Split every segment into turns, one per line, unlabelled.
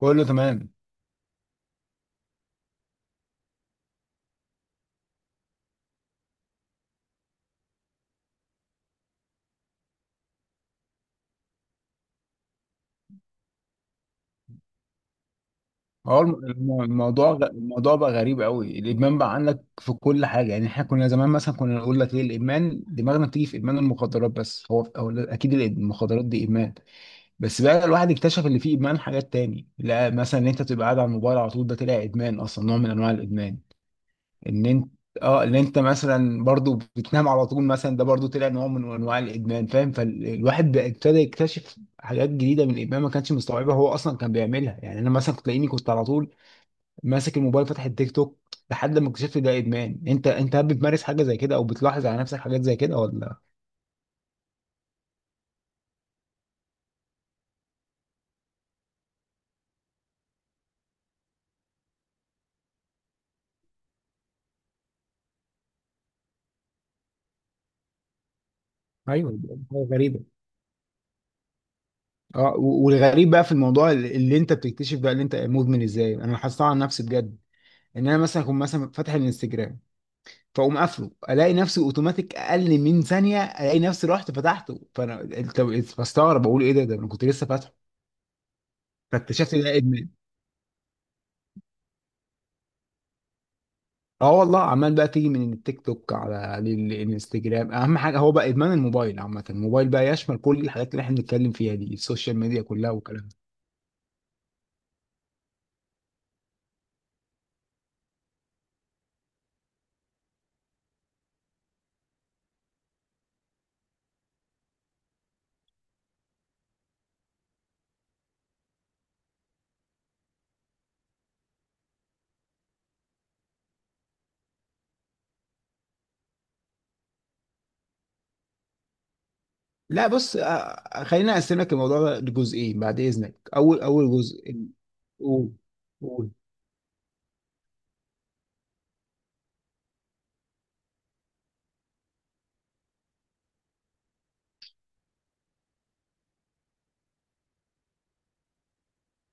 كله تمام. هو الم- الم- الموضوع غ- الموضوع بقى غريب قوي. الادمان بقى عندك في كل حاجه، يعني احنا كنا زمان مثلا كنا نقول لك ايه الادمان؟ دماغنا بتيجي في ادمان المخدرات، بس هو اكيد المخدرات دي ادمان. بس بقى الواحد اكتشف اللي فيه ادمان حاجات تاني، لا مثلا ان انت تبقى قاعد على الموبايل على طول، ده طلع ادمان اصلا، نوع من انواع الادمان. ان انت اه ان انت مثلا برضو بتنام على طول مثلا، ده برضو طلع نوع من انواع الادمان، فاهم؟ فالواحد بقى ابتدى يكتشف حاجات جديده من الادمان ما كانش مستوعبها، هو اصلا كان بيعملها. يعني انا مثلا كنت تلاقيني كنت على طول ماسك الموبايل فاتح التيك توك لحد ما اكتشفت ده ادمان. انت هل بتمارس حاجه زي كده او بتلاحظ على نفسك حاجات زي كده ولا؟ ايوه دي حاجه غريبه. اه والغريب بقى في الموضوع اللي انت بتكتشف بقى اللي انت مدمن ازاي، انا لاحظتها على نفسي بجد. ان انا مثلا اكون مثلا فاتح الانستجرام، فاقوم قافله، الاقي نفسي اوتوماتيك اقل من ثانيه الاقي نفسي رحت فتحته. فانا بستغرب بقول ايه ده، ده انا كنت لسه فاتحه. فاكتشفت إن ده ادمان. اه والله، عمال بقى تيجي من التيك توك على الانستجرام. اهم حاجه هو بقى ادمان الموبايل عامه، الموبايل بقى يشمل كل الحاجات اللي احنا بنتكلم فيها دي، السوشيال ميديا كلها والكلام ده. لا بص، خلينا اقسم لك الموضوع ده لجزئين بعد اذنك. اول جزء، قول قول.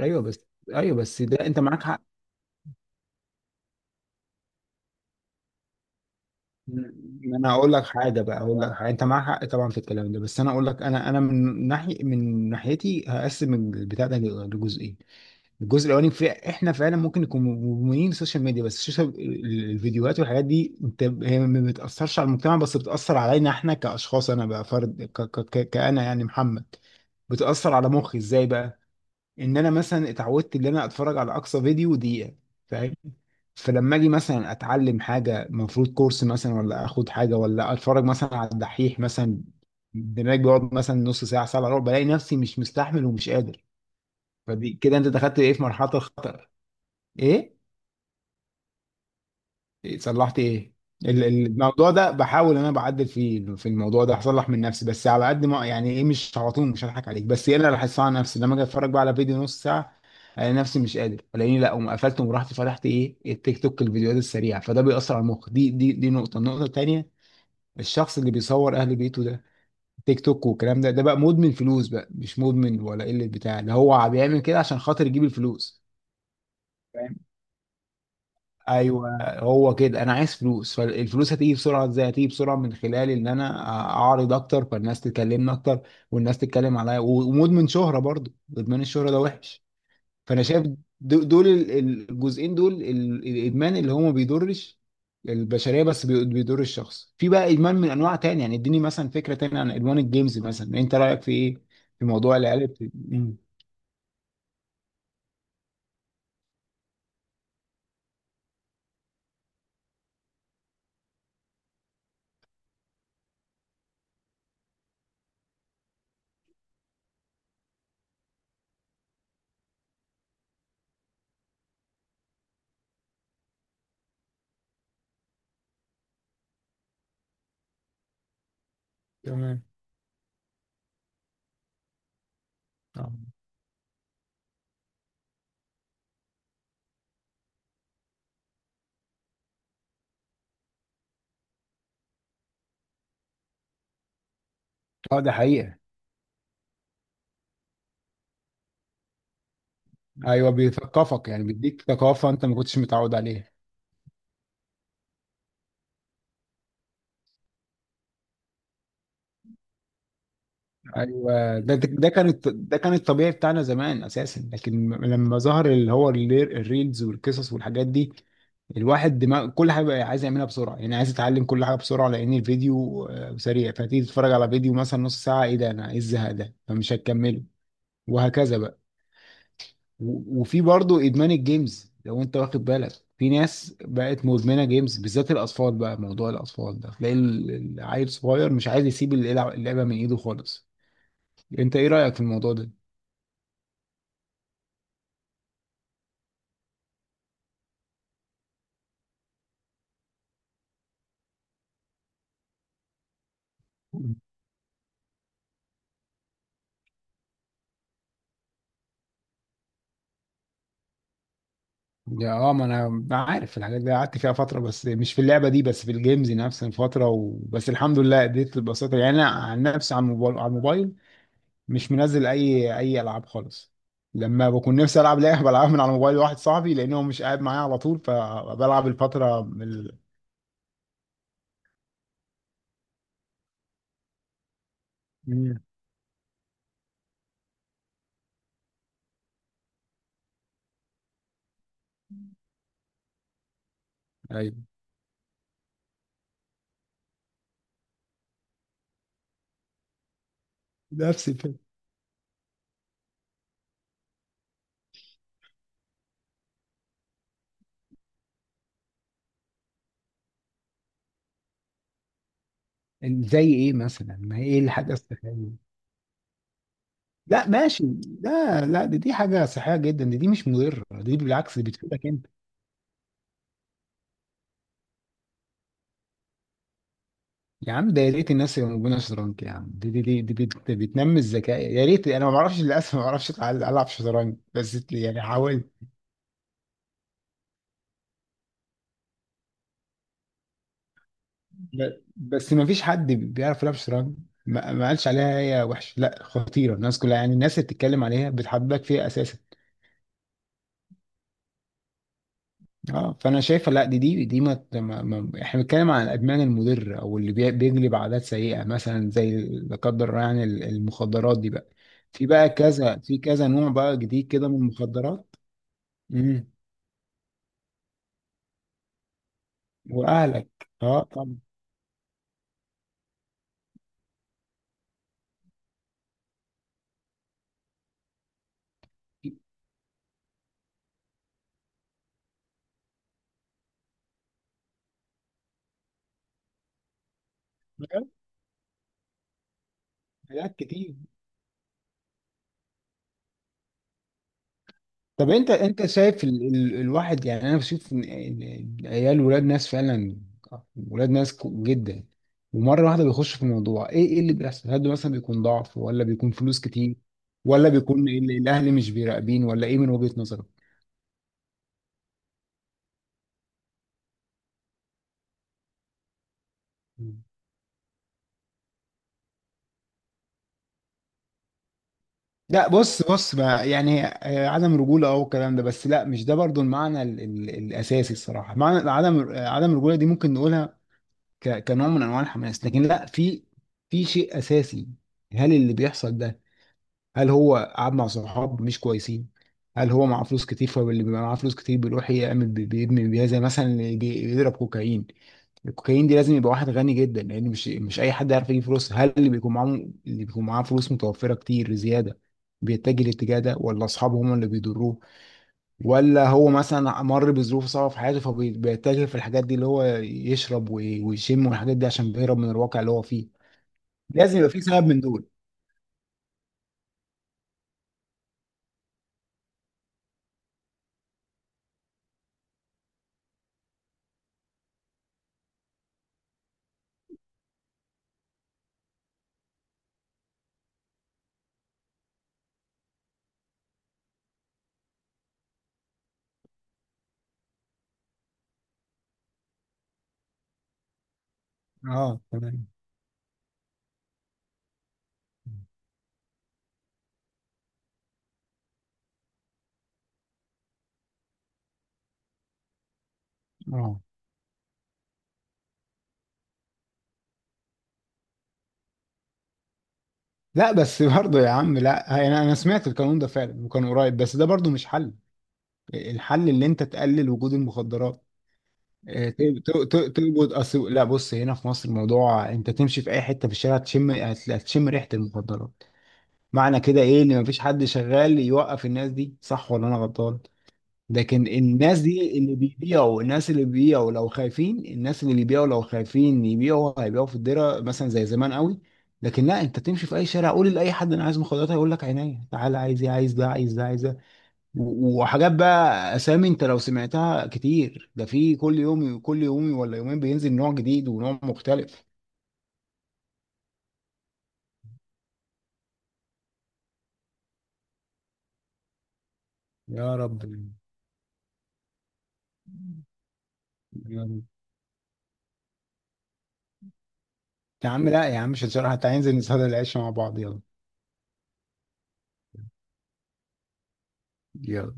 ايوه بس، ايوه بس ده انت معاك حق. ما انا هقول لك حاجه، بقى هقول لك حاجة. انت معاك حق طبعا في الكلام ده، بس انا اقول لك، انا من ناحيه، من ناحيتي هقسم البتاع ده لجزئين. الجزء الاولاني في احنا فعلا ممكن نكون مدمنين السوشيال ميديا، بس الفيديوهات والحاجات دي انت، هي ما بتاثرش على المجتمع بس بتاثر علينا احنا كاشخاص. انا بقى فرد، كانا يعني محمد، بتاثر على مخي ازاي بقى؟ ان انا مثلا اتعودت ان انا اتفرج على اقصى فيديو دقيقه، فاهم؟ فلما اجي مثلا اتعلم حاجه، المفروض كورس مثلا ولا اخد حاجه ولا اتفرج مثلا على الدحيح مثلا، دماغي بيقعد مثلا نص ساعه، ساعه الا ربع، بلاقي نفسي مش مستحمل ومش قادر. فدي كده انت دخلت ايه، في مرحله الخطر. ايه، صلحت ايه؟ الموضوع ده بحاول انا بعدل فيه، في الموضوع ده هصلح من نفسي، بس على قد ما، يعني ايه، مش على طول، مش هضحك عليك. بس ايه، انا اللي هحسها على نفسي لما اجي اتفرج بقى على فيديو نص ساعه، الاقي نفسي مش قادر، الاقيني لا قوم قفلت ورحت فتحت ايه، التيك توك، الفيديوهات السريعه. فده بيأثر على المخ، دي نقطه. النقطه التانيه، الشخص اللي بيصور اهل بيته ده، تيك توك والكلام ده، ده بقى مدمن فلوس بقى، مش مدمن ولا قله، بتاع اللي هو بيعمل كده عشان خاطر يجيب الفلوس. ايوه، هو كده، انا عايز فلوس، فالفلوس هتيجي بسرعه ازاي؟ هتيجي بسرعه من خلال ان انا اعرض اكتر، فالناس تكلمني اكتر والناس تتكلم عليا، ومدمن شهره برضو، ادمان الشهره ده وحش. فانا شايف الجزئين دول، الادمان اللي هو ما بيضرش البشريه بس بيضر الشخص. في بقى ادمان من انواع تانية، يعني اديني مثلا فكره تانية عن ادمان الجيمز مثلا، انت رايك في ايه؟ في موضوع العيال تمام. آه. اه ده حقيقه. ايوه بيثقفك، يعني بيديك ثقافه انت ما كنتش متعود عليها. ايوه، ده كان الطبيعي بتاعنا زمان اساسا، لكن لما ظهر اللي هو الريلز والقصص والحاجات دي، الواحد دماغ كل حاجه بقى عايز يعملها بسرعه، يعني عايز يتعلم كل حاجه بسرعه، لان الفيديو سريع. فتيجي تتفرج على فيديو مثلا نص ساعه، ايه ده، انا ايه الزهق ده، فمش هتكمله، وهكذا بقى. وفي برضه ادمان الجيمز لو انت واخد بالك، في ناس بقت مدمنه جيمز، بالذات الاطفال بقى، موضوع الاطفال ده تلاقي العيل صغير مش عايز يسيب اللعبة من ايده خالص. انت ايه رايك في الموضوع ده؟ يا اه ما انا عارف الحاجات دي، قعدت فيها فتره، بس مش في اللعبه دي، بس في الجيمز نفس الفتره، وبس الحمد لله اديت البساطه. يعني انا عن نفسي، على الموبايل، على الموبايل مش منزل اي العاب خالص. لما بكون نفسي العب لعبه بلعبها من على موبايل واحد صاحبي، لان هو مش قاعد معايا على طول، فبلعب الفتره من ال... مم. ايوه، نفس الفكره. زي ايه مثلا، ما هي ايه الحاجه الصحيه؟ لا ماشي. لا لا، دي، دي حاجه صحيه جدا، دي، دي مش مضره، دي بالعكس دي بتفيدك انت. يا عم ده يا ريت الناس اللي موجوده شطرنج، يا عم دي دي بتنمي الذكاء. يا ريت، انا ما بعرفش، للاسف ما بعرفش العب شطرنج، بس يعني حاولت. بس ما فيش حد بيعرف يلعب شطرنج. ما قالش عليها هي وحش، لا خطيره، الناس كلها يعني الناس اللي بتتكلم عليها بتحبك فيها اساسا. اه فانا شايفه، لا دي ما, ما, ما احنا بنتكلم عن الادمان المضر او اللي بيجلب عادات سيئه مثلا، زي لا قدر الله، يعني المخدرات دي بقى، في بقى كذا، في كذا نوع بقى جديد كده من المخدرات. واهلك، اه طبعا، حاجات كتير. طب انت، انت شايف، الواحد يعني، انا بشوف ان إن عيال ولاد ناس فعلا، ولاد ناس جدا، ومره واحده بيخش في الموضوع، ايه ايه اللي بيحصل؟ هل ده مثلا بيكون ضعف، ولا بيكون فلوس كتير، ولا بيكون الاهل مش بيراقبين، ولا ايه من وجهة نظرك؟ مم. لا بص، بص بقى يعني، عدم رجوله او الكلام ده، بس لا مش ده برضو المعنى الاساسي. الصراحه معنى عدم عدم الرجوله دي ممكن نقولها كنوع من انواع الحماس، لكن لا، في في شيء اساسي. هل اللي بيحصل ده، هل هو قعد مع صحاب مش كويسين، هل هو معاه فلوس كتير، فاللي بيبقى معاه فلوس كتير بيروح يعمل بيبني بيها، زي مثلا اللي بيضرب كوكايين، الكوكايين دي لازم يبقى واحد غني جدا، لان مش اي حد يعرف يجيب فلوس. هل اللي بيكون معاه، اللي بيكون معاه فلوس متوفره كتير زياده بيتجه الاتجاه ده، ولا اصحابه هم اللي بيضروه، ولا هو مثلا مر بظروف صعبة في حياته فبيتجه في الحاجات دي اللي هو يشرب ويشم والحاجات دي عشان بيهرب من الواقع اللي هو فيه. لازم يبقى في سبب من دول. اه تمام. اه لا بس برضه يا عم، لا انا سمعت القانون ده فعلا وكان قريب، بس ده برضه مش حل، الحل اللي انت تقلل وجود المخدرات. توجد أصل. لا بص، هنا في مصر الموضوع انت تمشي في اي حته في الشارع تشم، هتشم ريحه المخدرات. معنى كده ايه، ان مفيش حد شغال يوقف الناس دي، صح ولا انا غلطان؟ لكن الناس دي اللي بيبيعوا، الناس اللي بيبيعوا لو خايفين، الناس اللي بيبيعوا لو خايفين يبيعوا، هيبيعوا في الدره مثلا زي زمان قوي. لكن لا، انت تمشي في اي شارع قول لاي حد انا عايز مخدرات، هيقول لك عينيا، تعالى، عايز ايه، عايز ده عايز ده عايز ده. وحاجات بقى اسامي انت لو سمعتها كتير، ده في كل يوم، كل يوم ولا يومين بينزل نوع جديد ونوع مختلف. يا رب. يا رب. يا عم لا يا عم مش هنشرح، حتى هينزل نصلي العشاء مع بعض، يلا يلا.